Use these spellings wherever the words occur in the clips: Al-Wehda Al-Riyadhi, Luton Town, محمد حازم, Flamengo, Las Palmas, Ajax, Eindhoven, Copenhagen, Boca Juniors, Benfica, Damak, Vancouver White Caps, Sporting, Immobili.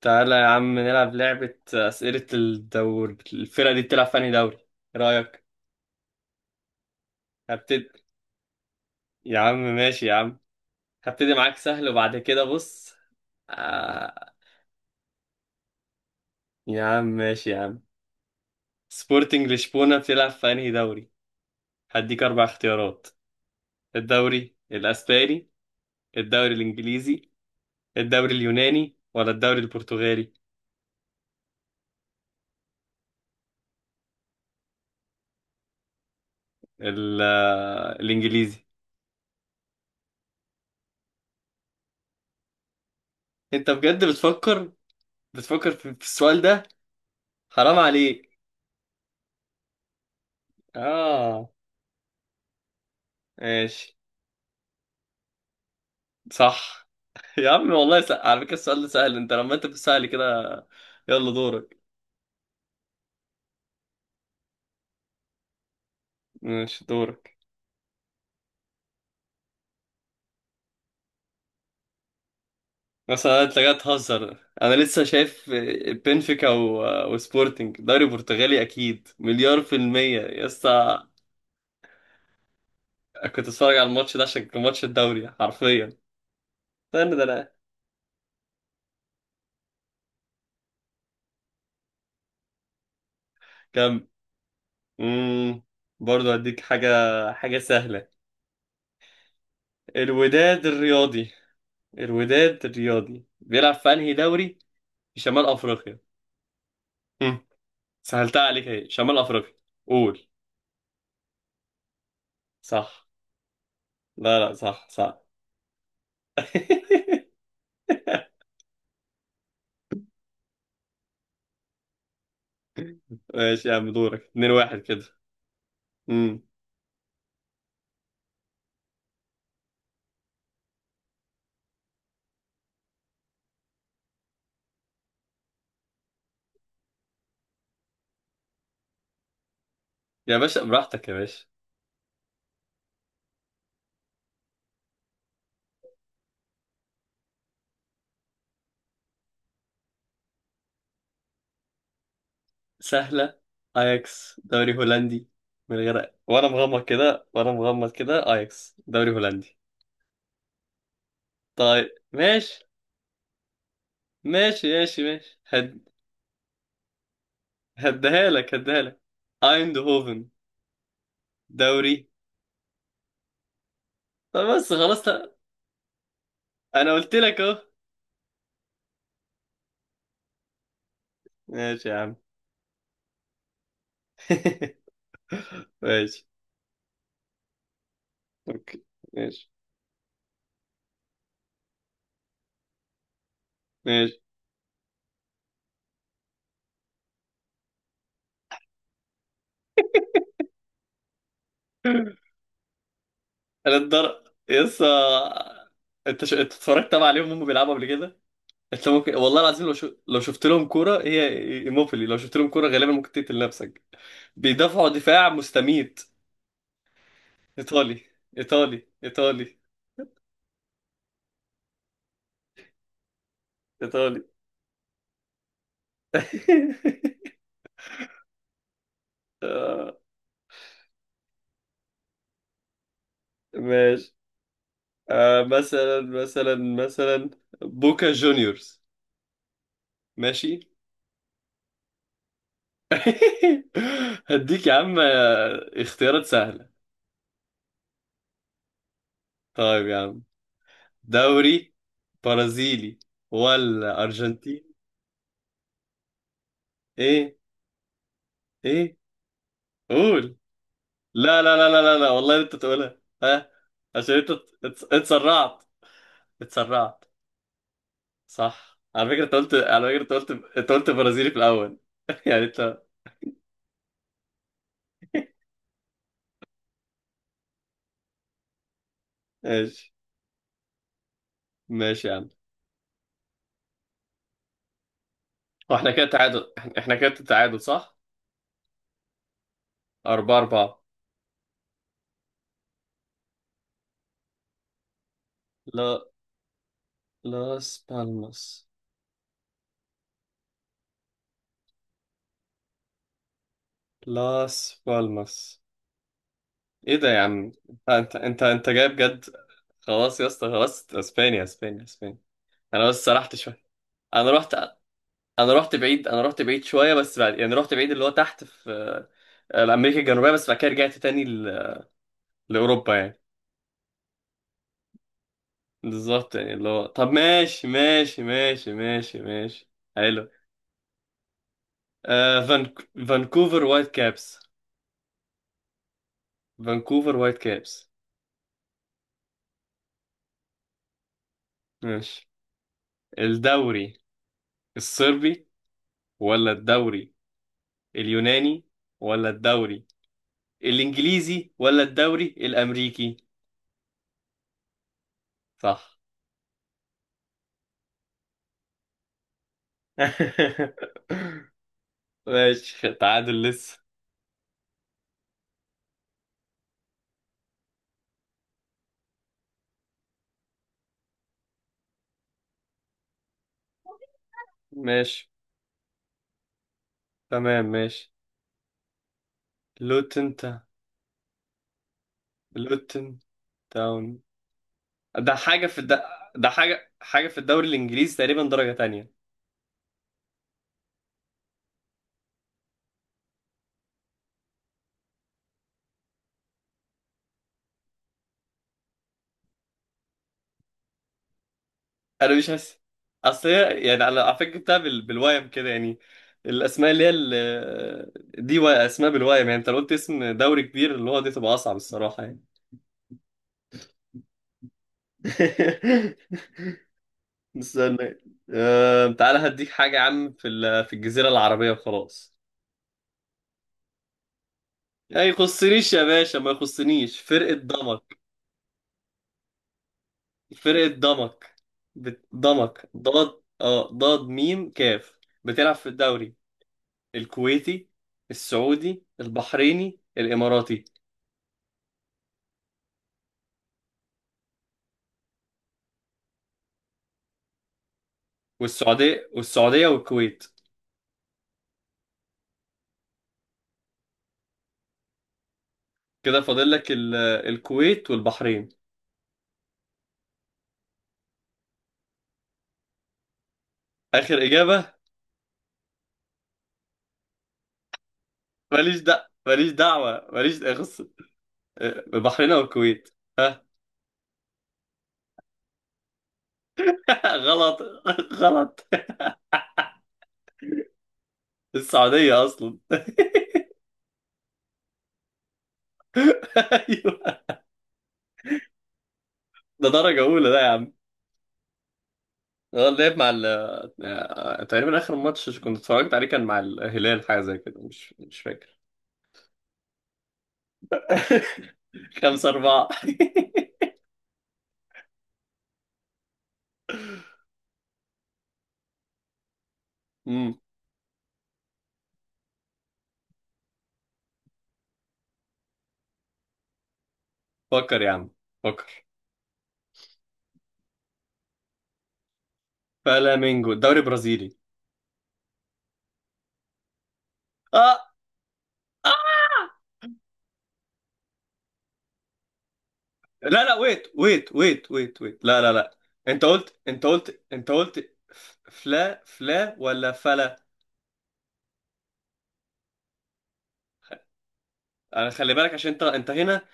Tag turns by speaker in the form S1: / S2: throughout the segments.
S1: تعالى يا عم نلعب لعبة أسئلة الدوري. الفرقة دي بتلعب في أنهي دوري؟ إيه رأيك؟ هبتدي. يا عم ماشي يا عم. هبتدي معاك سهل وبعد كده بص. آه... يا عم ماشي يا عم. سبورتنج لشبونة بتلعب في أنهي دوري؟ هديك أربع اختيارات: الدوري الأسباني، الدوري الإنجليزي، الدوري اليوناني ولا الدوري البرتغالي؟ ال... آه، الإنجليزي. أنت بجد بتفكر، بتفكر في السؤال ده؟ حرام عليك. آه، ماشي. صح. يا عم والله، على فكرة السؤال ده سهل، انت لما انت بتسألي كده. يلا دورك. مش دورك. مثلا انت جاي تهزر، انا لسه شايف بنفيكا وسبورتنج دوري برتغالي، اكيد مليار في المية يا اسطى. كنت اتفرج على الماتش ده عشان كان ماتش الدوري حرفيا. استنى ده انا. كم؟ امم برضه هديك حاجة، حاجة سهلة. الوداد الرياضي. الوداد الرياضي بيلعب في انهي دوري؟ في شمال افريقيا. سهلتها عليك اهي، شمال افريقيا. قول. صح. لا لا، صح صح. ماشي يا عم، دورك 2-1 كده. امم يا باشا براحتك يا باشا. سهلة. اياكس دوري هولندي. من غير، وانا مغمض كده، وانا مغمض كده اياكس دوري هولندي. طيب ماشي. ماشي ماشي ماشي. هديها لك، هديها لك. ايندهوفن دوري. طب بس خلاص لا. انا قلت لك اهو. ماشي يا عم. ماشي. اوكي، ماشي ماشي. انا الدر يسا انت انت اتفرجت طبعا عليهم هم بيلعبوا قبل كده. انت ممكن والله العظيم لو لو شفت لهم كوره هي، ايموبيلي، لو شفت لهم كوره غالبا ممكن تقتل نفسك. بيدافعوا دفاع مستميت. ايطالي، ايطالي، ايطالي، ايطالي. آه، ماشي. آه، مثلا بوكا جونيورز. ماشي. هديك يا عم آه، اختيارات سهله. طيب يا عم، دوري برازيلي ولا ارجنتين؟ ايه؟ ايه؟ قول. لا لا لا لا لا, لا. والله انت تقولها، ها. عشان انت اتسرعت صح. على فكرة انت قلت، على فكرة انت قلت، انت قلت برازيلي في الاول. يعني انت. ماشي ماشي يا عم. هو احنا كده تعادل، إحنا كده تعادل صح. أربعة أربعة. لا. لاس بالماس. لاس بالماس، ايه ده يا عم؟ انت انت انت أنت جاي بجد. خلاص يا اسطى خلاص، اسبانيا اسبانيا اسبانيا. انا بس سرحت شويه. انا رحت. انا رحت بعيد، انا رحت بعيد شويه، بس بعد يعني رحت بعيد اللي هو تحت في آه، امريكا الجنوبيه، بس بعد كده رجعت تاني لاوروبا يعني. بالظبط، يعني اللي هو، طب ماشي ماشي ماشي ماشي ماشي. حلو. آه فانك... فانكوفر وايت كابس. فانكوفر وايت كابس. ماشي. الدوري الصربي، ولا الدوري اليوناني، ولا الدوري الانجليزي، ولا الدوري الامريكي؟ صح. ماشي، تعادل لسه. ماشي. تمام ماشي. لوتن تا لوتن تاون. ده حاجة في الد... ده حاجة، حاجة في الدوري الإنجليزي، تقريبا درجة تانية. أنا مش حاسس. أصل هي يعني، على فكرة جبتها بالوايم كده يعني. الأسماء دي أسماء بالوايم، يعني أنت لو قلت اسم دوري كبير اللي هو دي تبقى أصعب الصراحة يعني. استنى. تعالى هديك حاجة يا عم في الجزيرة العربية وخلاص. لا يخصنيش يا باشا، ما يخصنيش. فرقة ضمك. فرقة ضمك، ضمك ضاد، اه، ضاد ميم كاف. بتلعب في الدوري الكويتي، السعودي، البحريني، الإماراتي. والسعودية، والسعودية والكويت. كده فاضل لك الكويت والبحرين. آخر إجابة. ماليش دعوة، ماليش دعوة، ماليش أخص. آه، البحرين أو الكويت، ها. غلط. غلط. السعودية أصلا. أيوه. ده درجة أولى ده يا عم. اه، اللعب مع ال، آه، تقريبا اخر ماتش كنت اتفرجت عليه كان مع الهلال، حاجه زي كده، مش فاكر. خمسة أربعة. امم فكر يا عم، فكر. فلامينجو، الدوري البرازيلي. اه. اه، لا لا، ويت ويت ويت ويت ويت، لا لا لا. انت قلت، انت قلت، انت قلت ف- فلا فلا ولا فلا. انا خلي بالك عشان انت هنا،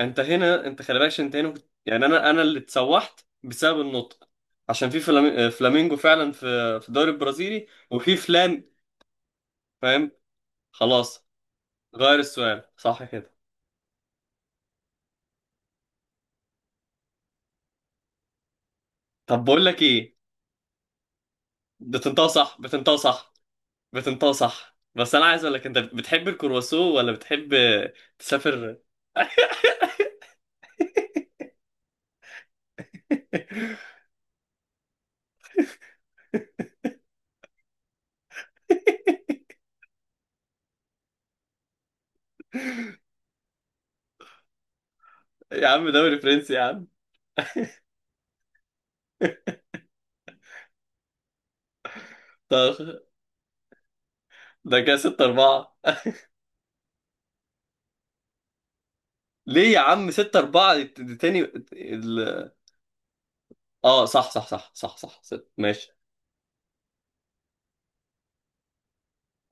S1: انت هنا، انت خلي بالك عشان انت هنا يعني انا اللي اتسوحت بسبب النطق. عشان في فلامينجو فعلا في الدوري البرازيلي وفي فلان. فاهم. خلاص. غير السؤال صح كده. طب بقول لك ايه. بتنطق صح، بتنطق صح، بتنطق صح، بس انا عايز اقول لك انت بتحب الكرواسو ولا بتحب تسافر. يا عم دوري فرنسي يا عم. طب ده كده 6 4. ليه يا عم 6 4 تاني؟ اه صح صح صح صح صح, صح. ماشي.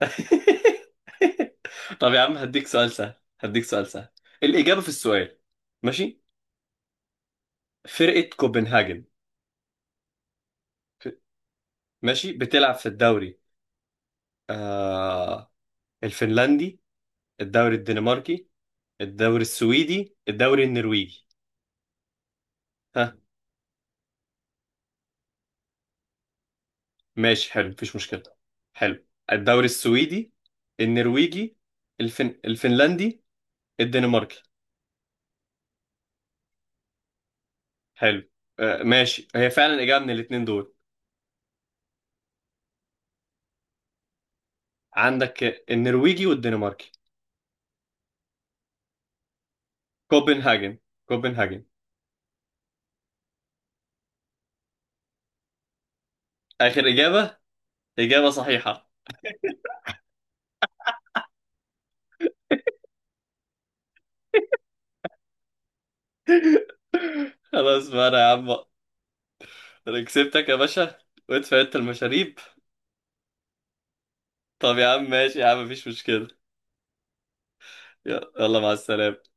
S1: طب يا عم هديك سؤال سهل. هديك سؤال سهل. الإجابة في السؤال. ماشي. فرقة كوبنهاجن. ف- ماشي، بتلعب في الدوري آه الفنلندي، الدوري الدنماركي، الدوري السويدي، الدوري النرويجي. ها. ماشي، حلو، مفيش مشكلة. حلو. الدوري السويدي، النرويجي، الفنلندي، الدنماركي. حلو. آه ماشي، هي فعلا إجابة من الاتنين دول عندك: النرويجي والدنماركي. كوبنهاجن. كوبنهاجن. آخر إجابة. إجابة صحيحة. خلاص بقى، أنا يا عم. أنا كسبتك يا باشا، وادفع أنت المشاريب. طب يا عم ماشي يا عم، مفيش مشكلة. يلا يلا، مع السلامة.